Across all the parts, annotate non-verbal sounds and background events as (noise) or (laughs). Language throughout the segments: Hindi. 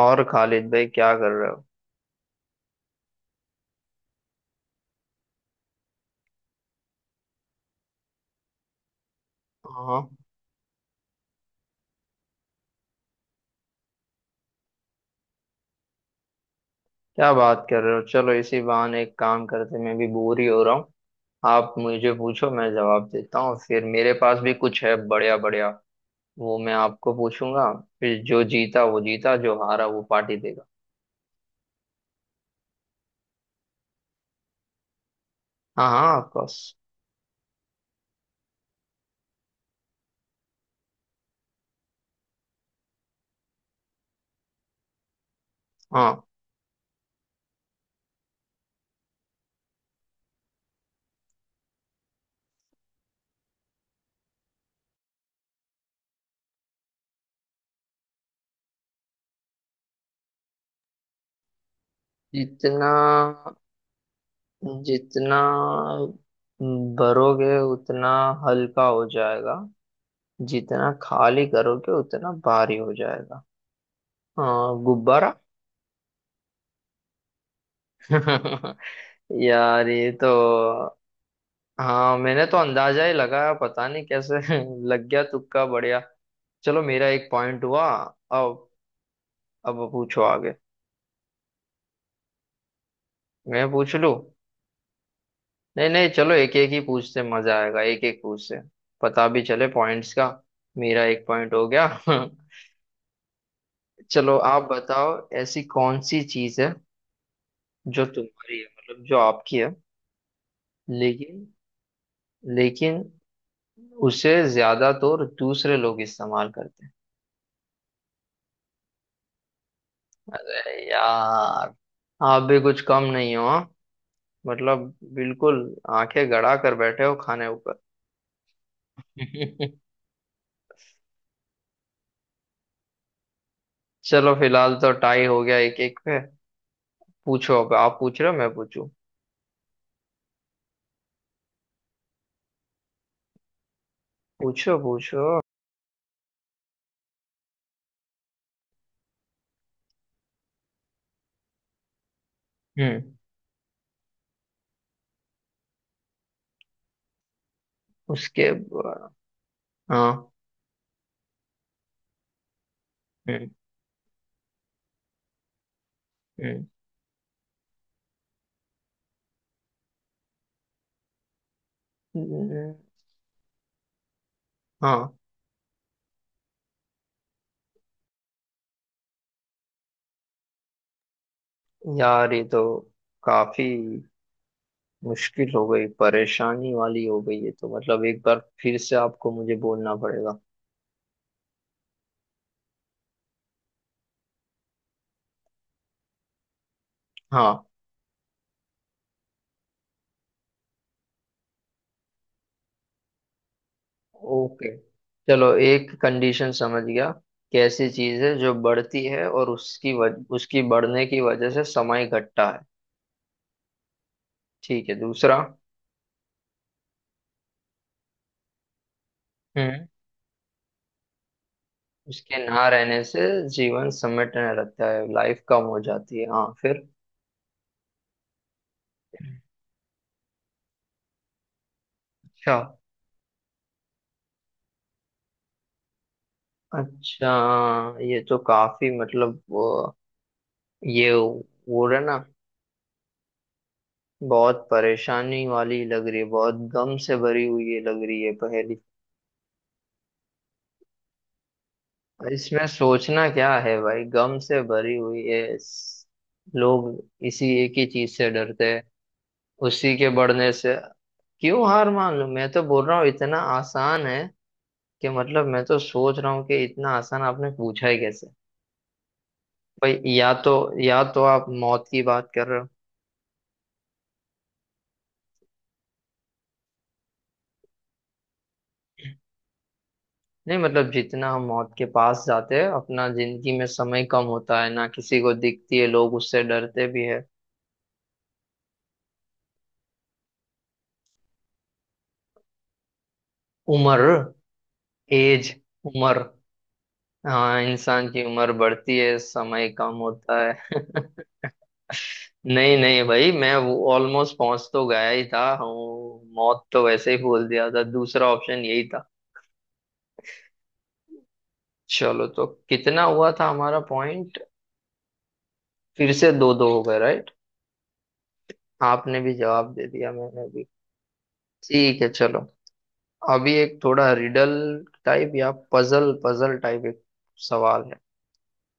और खालिद भाई क्या कर रहे हो। हाँ। क्या बात कर रहे हो, चलो इसी बहाने एक काम करते हैं, मैं भी बोर ही हो रहा हूँ। आप मुझे पूछो, मैं जवाब देता हूँ, फिर मेरे पास भी कुछ है, बढ़िया बढ़िया। वो मैं आपको पूछूंगा। फिर जो जीता वो जीता, जो हारा वो पार्टी देगा। हाँ हाँ, ऑफ कोर्स। हाँ। जितना जितना भरोगे उतना हल्का हो जाएगा, जितना खाली करोगे उतना भारी हो जाएगा। हाँ, गुब्बारा। (laughs) यार ये तो, हाँ मैंने तो अंदाजा ही लगाया, पता नहीं कैसे (laughs) लग गया, तुक्का बढ़िया। चलो मेरा एक पॉइंट हुआ। अब अब पूछो आगे। मैं पूछ लूं? नहीं नहीं, चलो एक एक ही पूछते मजा आएगा, एक एक पूछते पता भी चले पॉइंट्स का। मेरा एक पॉइंट हो गया। (laughs) चलो आप बताओ। ऐसी कौन सी चीज है जो तुम्हारी है, मतलब जो आपकी है, लेकिन, लेकिन उसे ज्यादातर दूसरे लोग इस्तेमाल करते हैं। अरे यार, आप भी कुछ कम नहीं हो हाँ? मतलब बिल्कुल आंखें गड़ा कर बैठे हो खाने ऊपर। (laughs) चलो फिलहाल तो टाई हो गया, एक एक पे। पूछो, अब आप पूछ रहे हो मैं पूछूं। पूछो पूछो। हम्म। उसके बाद- हाँ। हम्म। हम्म। हम्म। हाँ। यार ये तो काफी मुश्किल हो गई, परेशानी वाली हो गई ये तो। मतलब एक बार फिर से आपको मुझे बोलना पड़ेगा। हाँ। ओके, चलो एक कंडीशन समझ गया। कैसी चीज है जो बढ़ती है और उसकी बढ़ने की वजह से समय घटता है। ठीक है, दूसरा। हम्म। उसके ना रहने से जीवन समेटने रहता है, लाइफ कम हो जाती है, हाँ फिर। अच्छा। अच्छा, ये तो काफी, ये वो रहा ना। बहुत परेशानी वाली लग रही है, बहुत गम से भरी हुई ये लग रही है पहेली। इसमें सोचना क्या है भाई, गम से भरी हुई है, लोग इसी एक ही चीज से डरते हैं, उसी के बढ़ने से। क्यों हार मान लूं, मैं तो बोल रहा हूँ इतना आसान है, कि मतलब मैं तो सोच रहा हूँ कि इतना आसान आपने पूछा ही कैसे। भाई या तो, या तो आप मौत की बात कर रहे हो। नहीं मतलब, जितना हम मौत के पास जाते हैं अपना जिंदगी में समय कम होता है ना, किसी को दिखती है, लोग उससे डरते भी है। उम्र। एज। उम्र। हाँ, इंसान की उम्र बढ़ती है समय कम होता है। (laughs) नहीं नहीं भाई, मैं वो ऑलमोस्ट पहुंच तो गया ही था हूँ, मौत तो वैसे ही बोल दिया था, दूसरा ऑप्शन यही था। चलो तो कितना हुआ था हमारा पॉइंट? फिर से दो दो हो गए, राइट। आपने भी जवाब दे दिया मैंने भी। ठीक है चलो, अभी एक थोड़ा रिडल टाइप या पजल पजल टाइप एक सवाल है,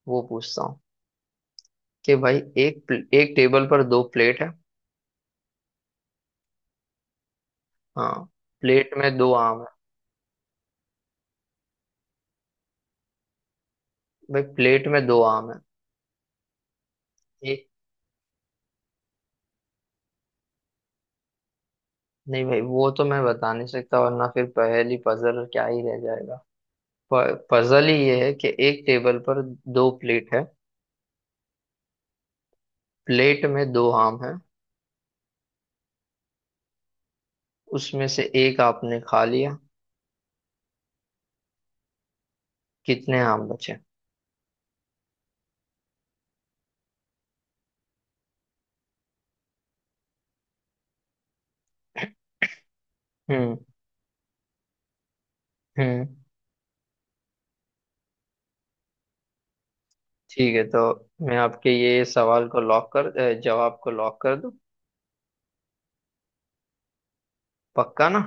वो पूछता हूँ। कि भाई, एक टेबल पर दो प्लेट है। हाँ, प्लेट में दो आम है। भाई, प्लेट में दो आम है। एक। नहीं भाई, वो तो मैं बता नहीं सकता, वरना फिर पहेली पजल क्या ही रह जाएगा। पजल ही ये है कि एक टेबल पर दो प्लेट है, प्लेट में दो आम है, उसमें से एक आपने खा लिया, कितने आम बचे? हम्म। हम्म। ठीक है, तो मैं आपके ये सवाल को जवाब को लॉक कर दूं? पक्का ना?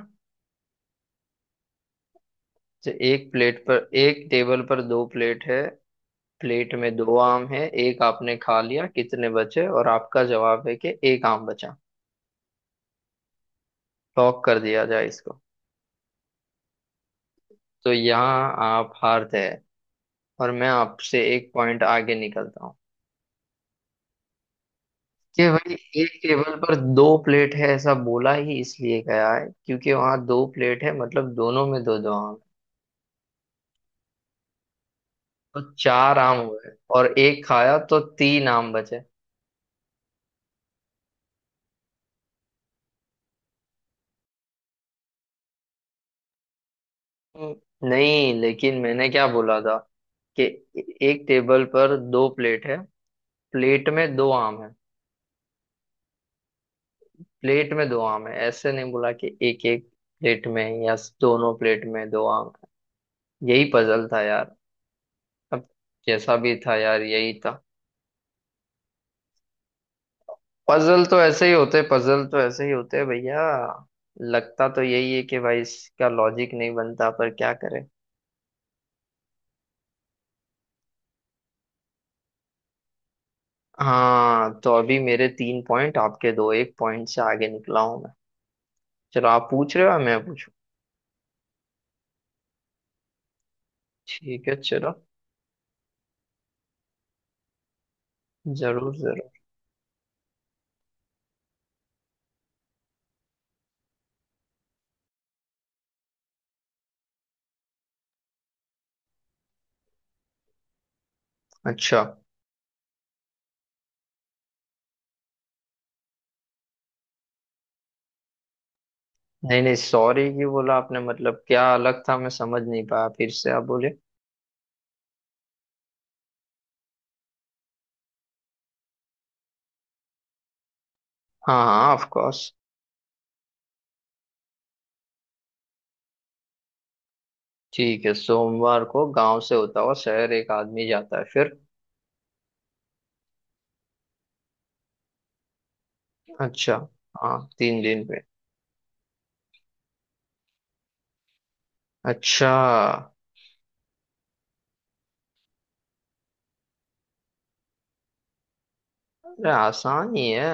तो एक प्लेट पर एक टेबल पर दो प्लेट है, प्लेट में दो आम है, एक आपने खा लिया कितने बचे, और आपका जवाब है कि एक आम बचा। लॉक कर दिया जाए इसको? तो यहाँ आप हारते हैं, और मैं आपसे एक पॉइंट आगे निकलता हूँ। कि भाई, एक टेबल पर दो प्लेट है ऐसा बोला ही इसलिए गया है क्योंकि वहां दो प्लेट है, मतलब दोनों में दो दो आम है, तो चार आम हुए, और एक खाया तो तीन आम बचे। नहीं लेकिन मैंने क्या बोला था, कि एक टेबल पर दो प्लेट है, प्लेट में दो आम है। प्लेट में दो आम है ऐसे नहीं बोला कि एक एक प्लेट में, या दोनों प्लेट में दो आम है। यही पजल था यार, अब जैसा भी था यार, यही था। पजल तो ऐसे ही होते, पजल तो ऐसे ही होते भैया। लगता तो यही है कि भाई इसका लॉजिक नहीं बनता, पर क्या करें। हाँ तो अभी मेरे तीन पॉइंट, आपके दो, एक पॉइंट से आगे निकला हूं मैं। चलो आप पूछ रहे हो या मैं पूछूं? ठीक है चलो। जरूर जरूर। अच्छा। नहीं नहीं, सॉरी क्यों बोला आपने, मतलब क्या अलग था मैं समझ नहीं पाया, फिर से आप बोले। हाँ हाँ, ऑफ कोर्स। ठीक है, सोमवार को गांव से होता हुआ शहर एक आदमी जाता है, फिर? अच्छा। हाँ, तीन दिन पे। अच्छा। अरे आसान ही है,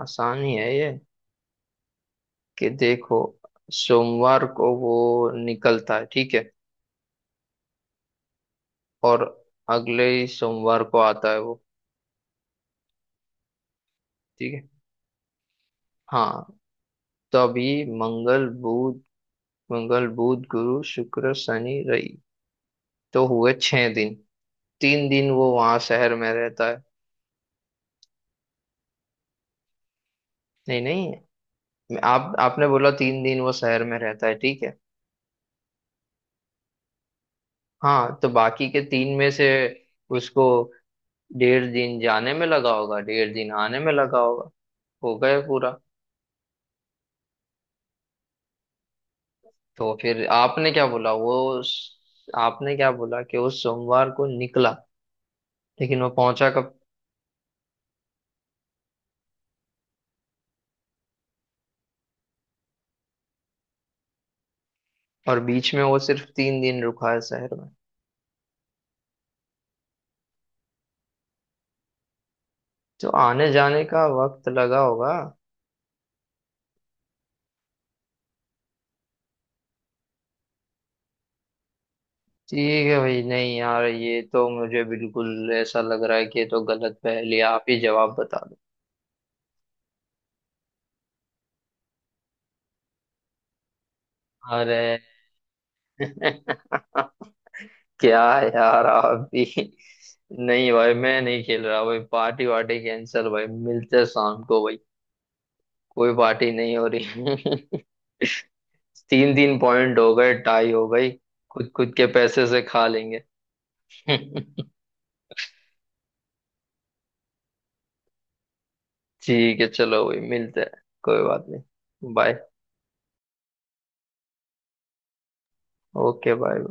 आसान ही है ये। कि देखो, सोमवार को वो निकलता है, ठीक है, और अगले ही सोमवार को आता है वो। ठीक है। हाँ, तभी मंगल बुध, गुरु शुक्र शनि रवि, तो हुए 6 दिन, 3 दिन वो वहां शहर में रहता है। नहीं नहीं, आप आपने बोला 3 दिन वो शहर में रहता है, ठीक है। हाँ, तो बाकी के तीन में से उसको 1.5 दिन जाने में लगा होगा, 1.5 दिन आने में लगा होगा, हो गए पूरा। तो फिर आपने क्या बोला, वो आपने क्या बोला, कि वो सोमवार को निकला लेकिन वो पहुंचा कब? और बीच में वो सिर्फ 3 दिन रुका है शहर में, तो आने जाने का वक्त लगा होगा। ठीक है भाई, नहीं यार, ये तो मुझे बिल्कुल ऐसा लग रहा है कि ये तो गलत पहेली, आप ही जवाब बता दो। अरे, (laughs) क्या यार आप भी। नहीं भाई, मैं नहीं खेल रहा भाई, पार्टी वार्टी कैंसिल भाई, मिलते हैं शाम को भाई। कोई पार्टी नहीं हो रही, (laughs) तीन तीन पॉइंट हो गए टाई हो गई। खुद खुद के पैसे से खा लेंगे। (laughs) ठीक है चलो भाई, मिलते हैं, कोई बात नहीं, बाय। Okay bye.